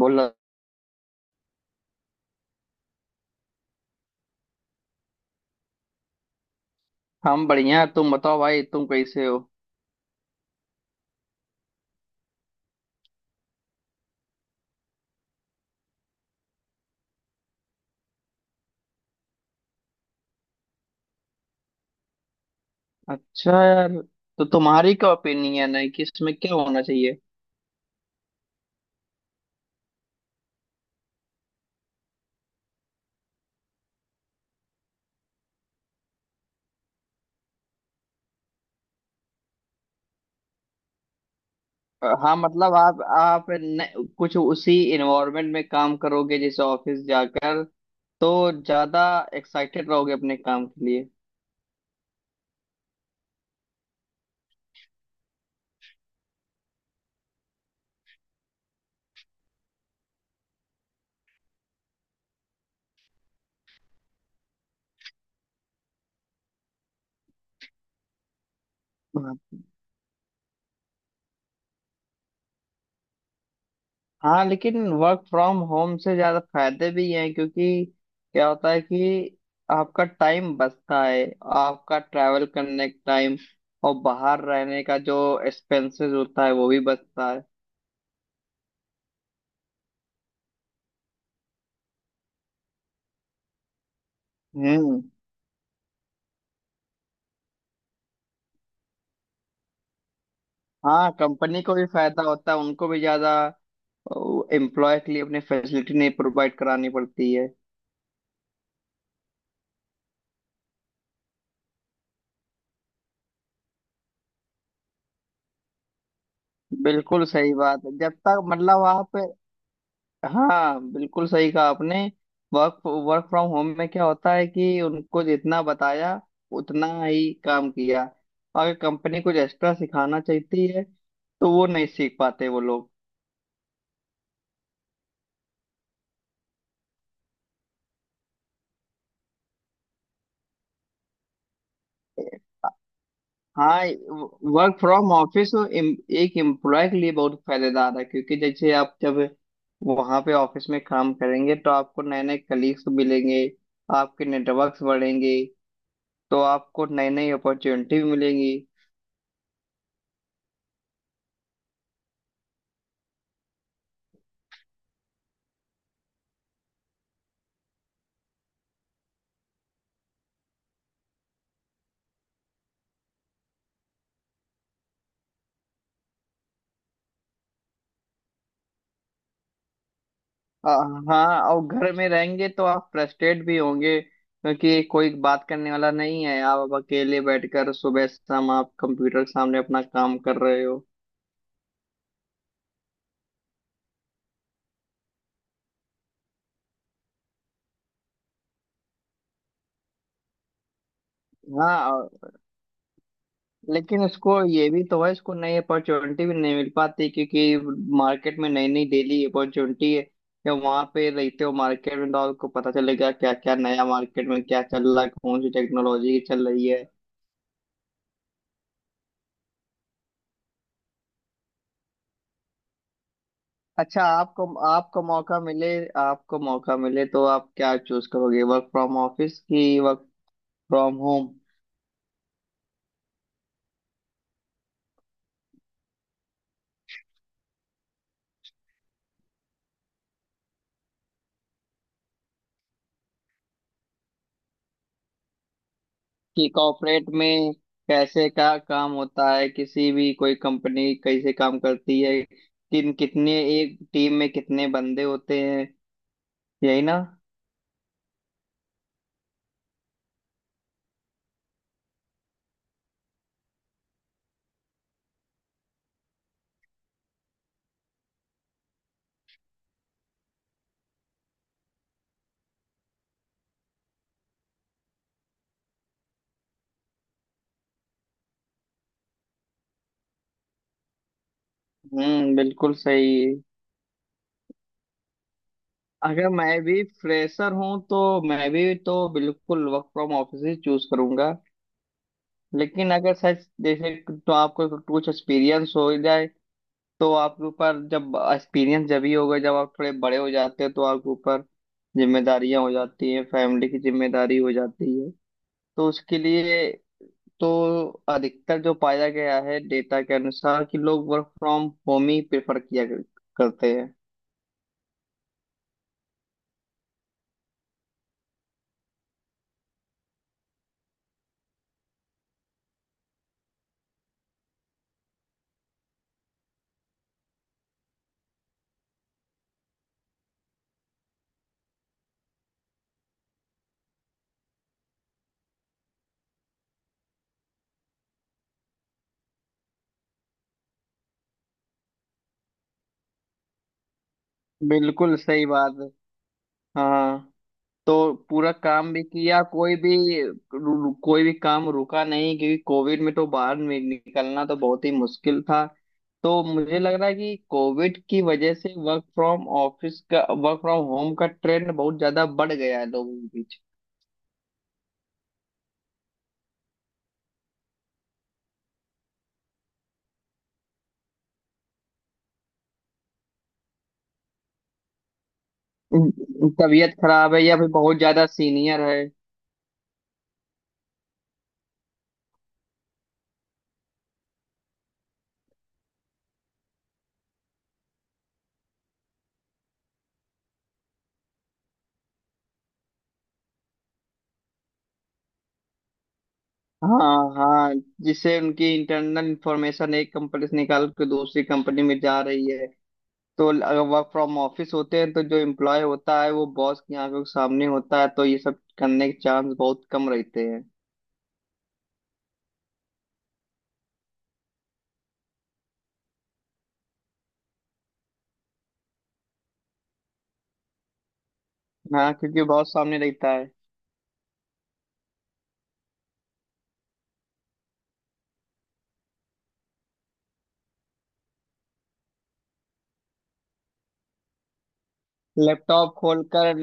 बोला। हम बढ़िया, तुम बताओ भाई, तुम कैसे हो? अच्छा यार, तो तुम्हारी क्या ओपिनियन है कि इसमें क्या होना चाहिए? हाँ, मतलब आप न, कुछ उसी इन्वायरमेंट में काम करोगे जैसे ऑफिस जाकर। तो ज्यादा एक्साइटेड रहोगे अपने काम के लिए। हाँ, लेकिन वर्क फ्रॉम होम से ज्यादा फायदे भी हैं, क्योंकि क्या होता है कि आपका टाइम बचता है, आपका ट्रैवल करने का टाइम, और बाहर रहने का जो एक्सपेंसेस होता है वो भी बचता है। हम्म। हाँ, कंपनी को भी फायदा होता है, उनको भी ज्यादा एम्प्लॉय के लिए अपनी फैसिलिटी नहीं प्रोवाइड करानी पड़ती है। बिल्कुल सही बात है, जब तक मतलब आप। हाँ, बिल्कुल सही कहा आपने। वर्क वर्क फ्रॉम होम में क्या होता है कि उनको जितना बताया उतना ही काम किया। अगर कंपनी कुछ एक्स्ट्रा सिखाना चाहती है तो वो नहीं सीख पाते वो लोग। हाँ, वर्क फ्रॉम ऑफिस एक एम्प्लॉय के लिए बहुत फायदेदार है, क्योंकि जैसे आप जब वहाँ पे ऑफिस में काम करेंगे तो आपको नए नए कलीग्स मिलेंगे, आपके नेटवर्क्स बढ़ेंगे, तो आपको नई नई अपॉर्चुनिटी मिलेंगी। हाँ, और घर में रहेंगे तो आप फ्रस्ट्रेट भी होंगे, क्योंकि कोई बात करने वाला नहीं है। आप अब अकेले बैठकर सुबह शाम आप कंप्यूटर के सामने अपना काम कर रहे हो। हाँ और- लेकिन उसको ये भी तो है, इसको नई अपॉर्चुनिटी भी नहीं मिल पाती, क्योंकि मार्केट में नई नई डेली अपॉर्चुनिटी है। या वहाँ पे रहते हो मार्केट में तो आपको पता चलेगा क्या क्या नया मार्केट में क्या चल रहा है, कौन सी टेक्नोलॉजी चल रही है। अच्छा, आपको आपको मौका मिले, आपको मौका मिले तो आप क्या चूज करोगे, वर्क फ्रॉम ऑफिस की वर्क फ्रॉम होम? कि कॉर्पोरेट में कैसे क्या काम होता है, किसी भी कोई कंपनी कैसे काम करती है, किन कितने एक टीम में कितने बंदे होते हैं, यही ना? हम्म, बिल्कुल सही। अगर मैं भी फ्रेशर हूँ तो मैं भी तो बिल्कुल वर्क फ्रॉम ऑफिस ही चूज करूंगा। लेकिन अगर सच जैसे, तो आपको कुछ एक्सपीरियंस हो जाए, तो आपके ऊपर जब एक्सपीरियंस जब ही होगा जब आप थोड़े बड़े हो जाते हैं, तो आपके ऊपर जिम्मेदारियां हो जाती हैं, फैमिली की जिम्मेदारी हो जाती है, तो उसके लिए तो अधिकतर जो पाया गया है डेटा के अनुसार कि लोग वर्क फ्रॉम होम ही प्रेफर किया कर- करते हैं। बिल्कुल सही बात है। हाँ, तो पूरा काम भी किया। कोई भी रू- कोई भी काम रुका नहीं, क्योंकि कोविड में तो बाहर नि- निकलना तो बहुत ही मुश्किल था। तो मुझे लग रहा है कि कोविड की वजह से वर्क फ्रॉम ऑफिस का वर्क फ्रॉम होम का ट्रेंड बहुत ज्यादा बढ़ गया है लोगों के बीच। तबीयत खराब है या फिर बहुत ज्यादा सीनियर है। हाँ हाँ जिससे उनकी इंटरनल इंफॉर्मेशन एक कंपनी से निकाल के दूसरी कंपनी में जा रही है। तो अगर वर्क फ्रॉम ऑफिस होते हैं तो जो एम्प्लॉय होता है वो बॉस की आंखों के सामने होता है, तो ये सब करने के चांस बहुत कम रहते हैं। हाँ, क्योंकि बहुत सामने रहता है। लैपटॉप खोलकर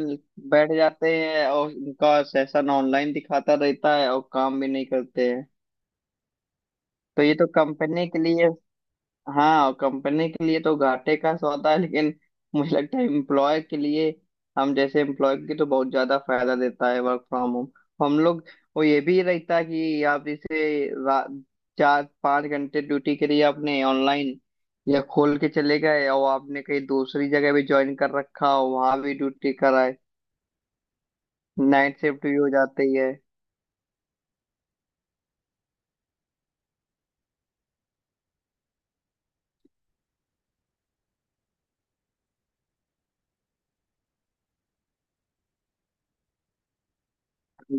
बैठ जाते हैं और उनका सेशन ऑनलाइन दिखाता रहता है और काम भी नहीं करते हैं। तो ये तो कंपनी के लिए। हाँ, और कंपनी के लिए तो घाटे का सौदा है, लेकिन मुझे लगता है एम्प्लॉय के लिए, हम जैसे एम्प्लॉय की तो बहुत ज्यादा फायदा देता है वर्क फ्रॉम होम। हम लोग, वो ये भी रहता है कि आप जैसे रा- चार पाँच घंटे ड्यूटी करी आपने ऑनलाइन, या खोल के चले गए और आपने कहीं दूसरी जगह भी ज्वाइन कर रखा हो, वहां भी ड्यूटी कराए। नाइट शिफ्ट भी हो जाती है।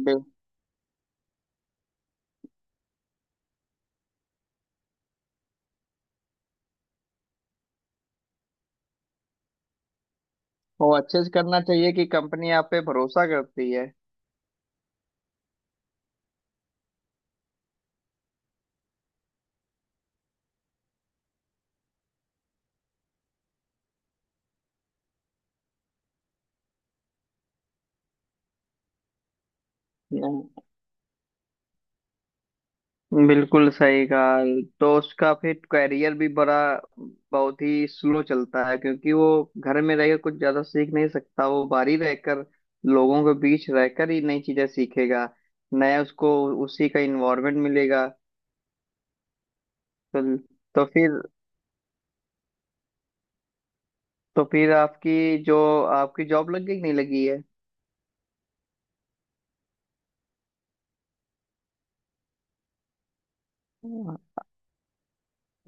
बि- वो अच्छे से करना चाहिए कि कंपनी आप पे भरोसा करती है। हम्म, बिल्कुल सही कहा। तो उसका फिर करियर भी बड़ा बहुत ही स्लो चलता है, क्योंकि वो घर में रहकर कुछ ज्यादा सीख नहीं सकता। वो बाहर ही रहकर लोगों के बीच रहकर ही नई चीजें सीखेगा, नया उसको उसी का इन्वायरमेंट मिलेगा। तो तो फिर, तो फिर आपकी जो आपकी जॉब लग गई कि नहीं लगी? है,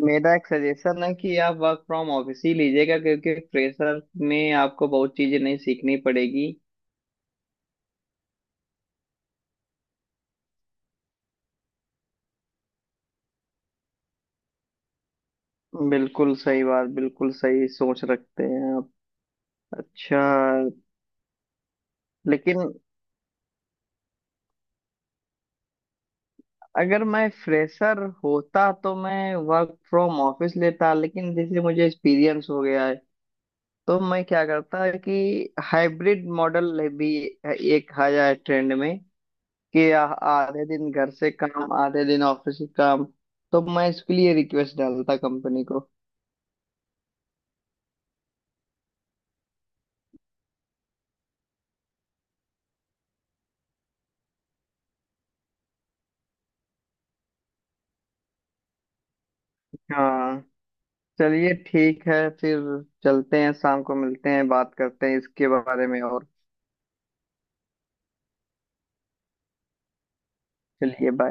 मेरा एक सजेशन है कि आप वर्क फ्रॉम ऑफिस ही लीजिएगा, क्योंकि फ्रेशर में आपको बहुत चीजें नहीं सीखनी पड़ेगी। बिल्कुल सही बात, बिल्कुल सही सोच रखते हैं आप। अच्छा। लेकिन अगर मैं फ्रेशर होता तो मैं वर्क फ्रॉम ऑफिस लेता, लेकिन जैसे मुझे एक्सपीरियंस हो गया है, तो मैं क्या करता है कि हाइब्रिड मॉडल भी एक आ जाए ट्रेंड में कि आ- आधे दिन घर से काम आधे दिन ऑफिस के काम, तो मैं इसके लिए रिक्वेस्ट डालता कंपनी को। हाँ। चलिए, ठीक है फिर, चलते हैं, शाम को मिलते हैं, बात करते हैं इसके बारे में और। चलिए, बाय।